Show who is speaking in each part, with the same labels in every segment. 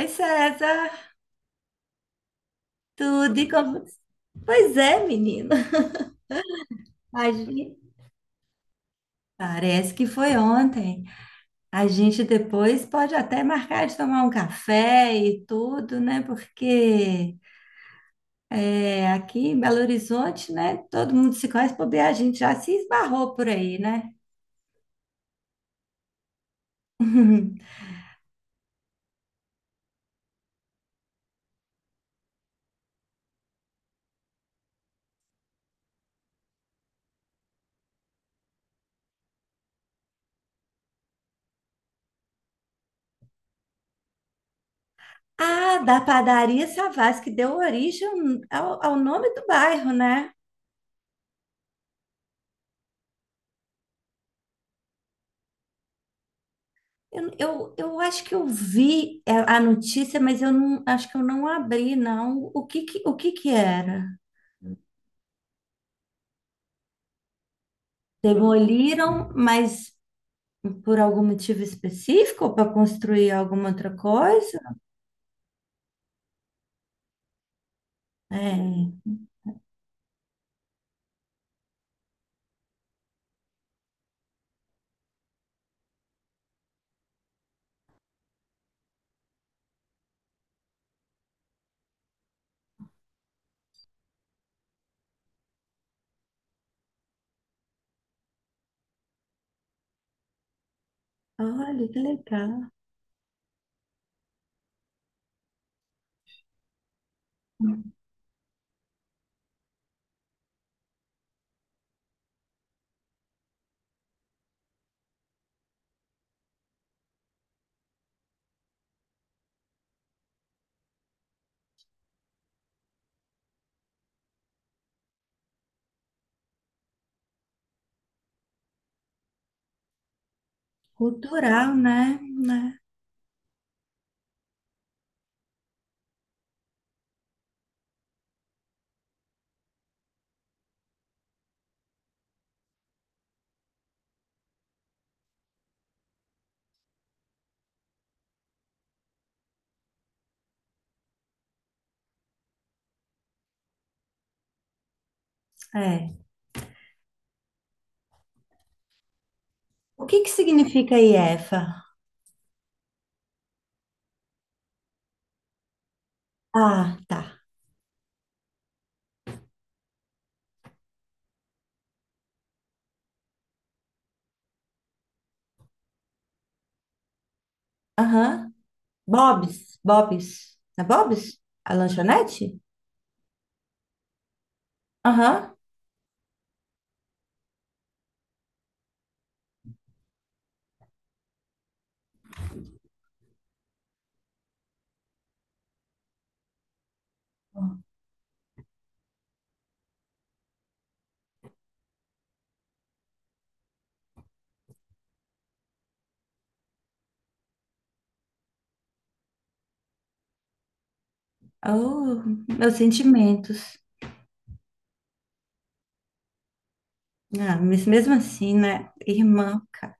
Speaker 1: Oi, César, tudo e como... Pois é, menino. A gente... Parece que foi ontem. A gente depois pode até marcar de tomar um café e tudo, né? Porque é, aqui em Belo Horizonte, né? Todo mundo se conhece, bobear, a gente já se esbarrou por aí, né? Ah, da padaria Savassi, que deu origem ao, ao nome do bairro, né? Eu acho que eu vi a notícia, mas eu não acho que eu não abri, não. O que que era? Demoliram, mas por algum motivo específico ou para construir alguma outra coisa? É. Olha, que legal. Cultural, né? Né? É. O que que significa IEFA? Ah, tá. Aham. Bob's, Bob's. É Bob's? A lanchonete? Aham. Oh, meus sentimentos. Ah, mas mesmo assim, né? Irmã, cara.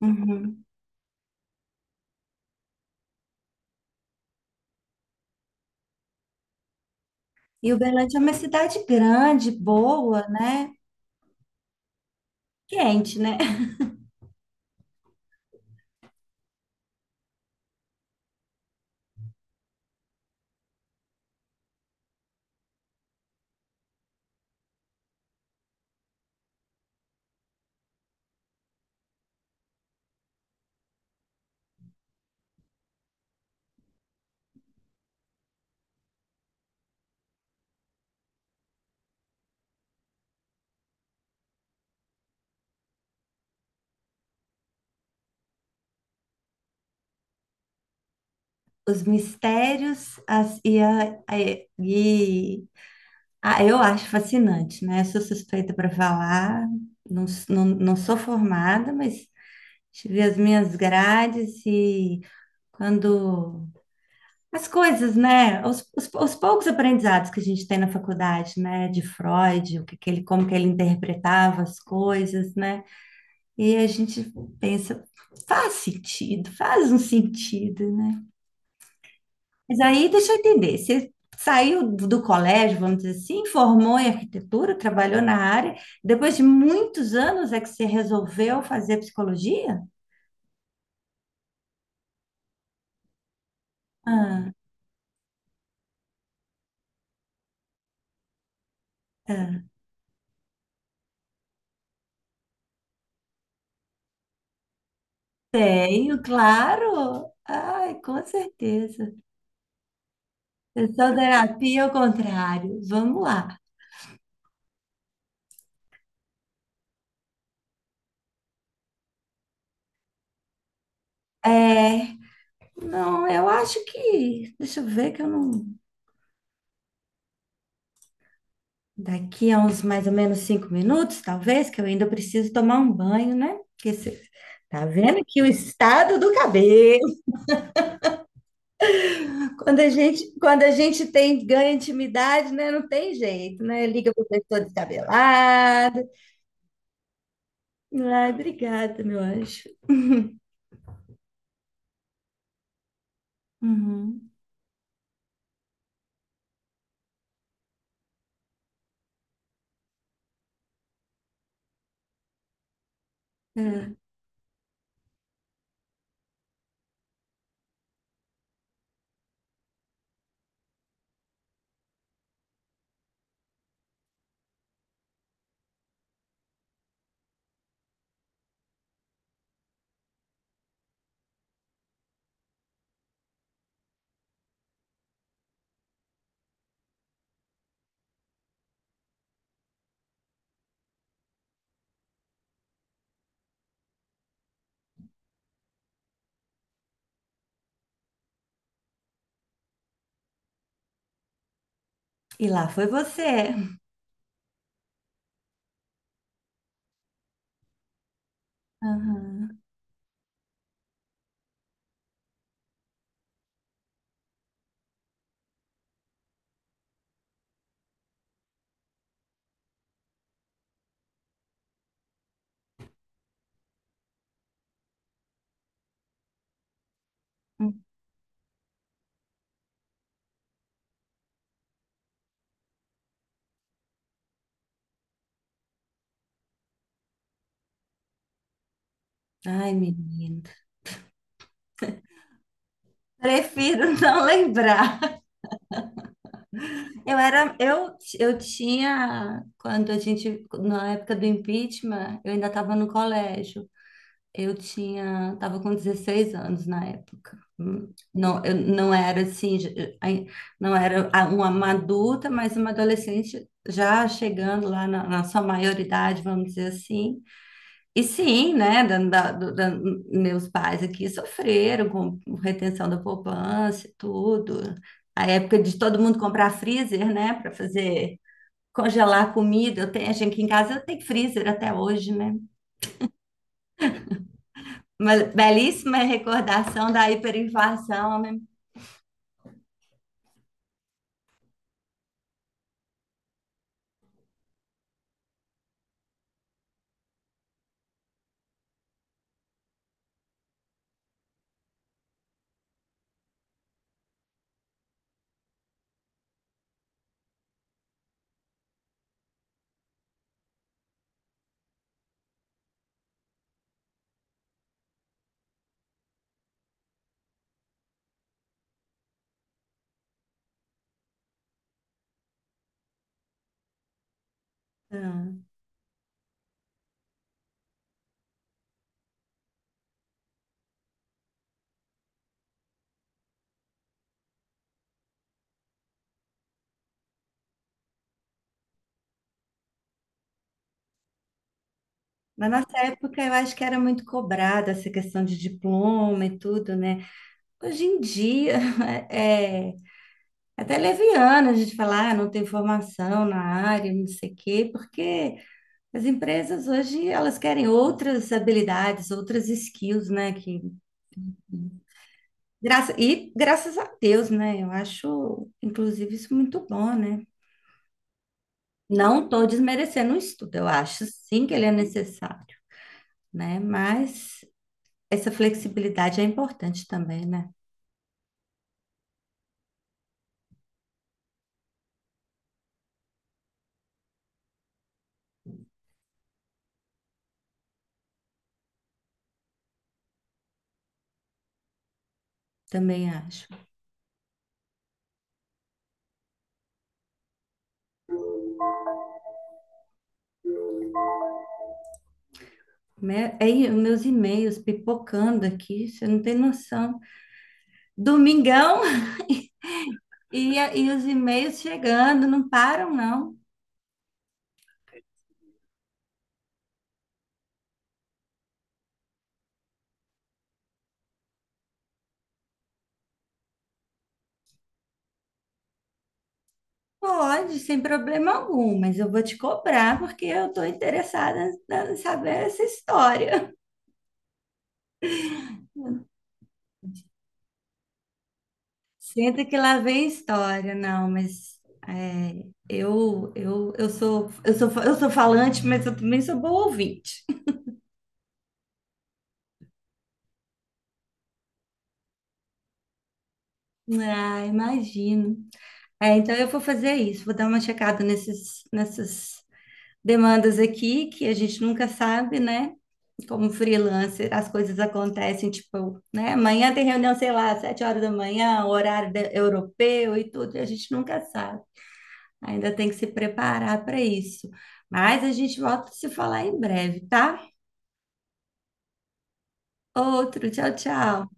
Speaker 1: Uhum. E Uberlândia é uma cidade grande, boa, né? Quente, né? Os mistérios as, e, a- e ah, eu acho fascinante, né? Sou suspeita para falar, não, não, não sou formada, mas tive as minhas grades e quando as coisas, né? Os poucos aprendizados que a gente tem na faculdade, né? De Freud, o que, que ele, como que ele interpretava as coisas, né? E a gente pensa, faz sentido, faz um sentido, né? Mas aí deixa eu entender, você saiu do colégio, vamos dizer assim, formou em arquitetura, trabalhou na área, depois de muitos anos é que você resolveu fazer psicologia? Ah, ah, tenho, claro. Ai, com certeza. Sessão terapia ao contrário. Vamos lá. É, não, eu acho que. Deixa eu ver que eu não. Daqui a uns mais ou menos 5 minutos, talvez, que eu ainda preciso tomar um banho, né? Porque você tá vendo que o estado do cabelo. Quando a gente tem ganha intimidade, né? Não tem jeito, né? Liga pro pessoa descabelada. Ai, obrigada, meu anjo. Uhum. É. E lá foi você. Uhum. Ai, menina. Prefiro não lembrar. Eu era, eu tinha, quando a gente, na época do impeachment, eu ainda estava no colégio. Eu tinha, estava com 16 anos na época. Não, eu não era assim, não era uma adulta, mas uma adolescente já chegando lá na, na sua maioridade, vamos dizer assim. E sim, né, meus pais aqui sofreram com retenção da poupança e tudo. A época de todo mundo comprar freezer, né, para fazer congelar comida. Eu tenho, a gente aqui em casa eu tenho freezer até hoje, né? Uma belíssima recordação da hiperinflação, né? Ah, na nossa época, eu acho que era muito cobrada essa questão de diploma e tudo, né? Hoje em dia, é até leviana a gente falar, ah, não tem formação na área, não sei o quê, porque as empresas hoje elas querem outras habilidades, outras skills, né? Que, graça, e graças a Deus, né? Eu acho, inclusive, isso muito bom, né? Não estou desmerecendo o estudo, eu acho sim que ele é necessário, né? Mas essa flexibilidade é importante também, né? Também acho. É, meus e-mails pipocando aqui, você não tem noção. Domingão. E, e os e-mails chegando, não param, não. Pode, sem problema algum, mas eu vou te cobrar porque eu estou interessada em saber essa história. Senta que lá vem história, não, mas é, eu sou falante, mas eu também sou boa ouvinte. Ah, imagino. É, então eu vou fazer isso, vou dar uma checada nesses, nessas demandas aqui que a gente nunca sabe, né? Como freelancer, as coisas acontecem, tipo, né? Amanhã tem reunião, sei lá, 7 horas da manhã, horário europeu e tudo, e a gente nunca sabe. Ainda tem que se preparar para isso. Mas a gente volta a se falar em breve, tá? Outro, tchau, tchau.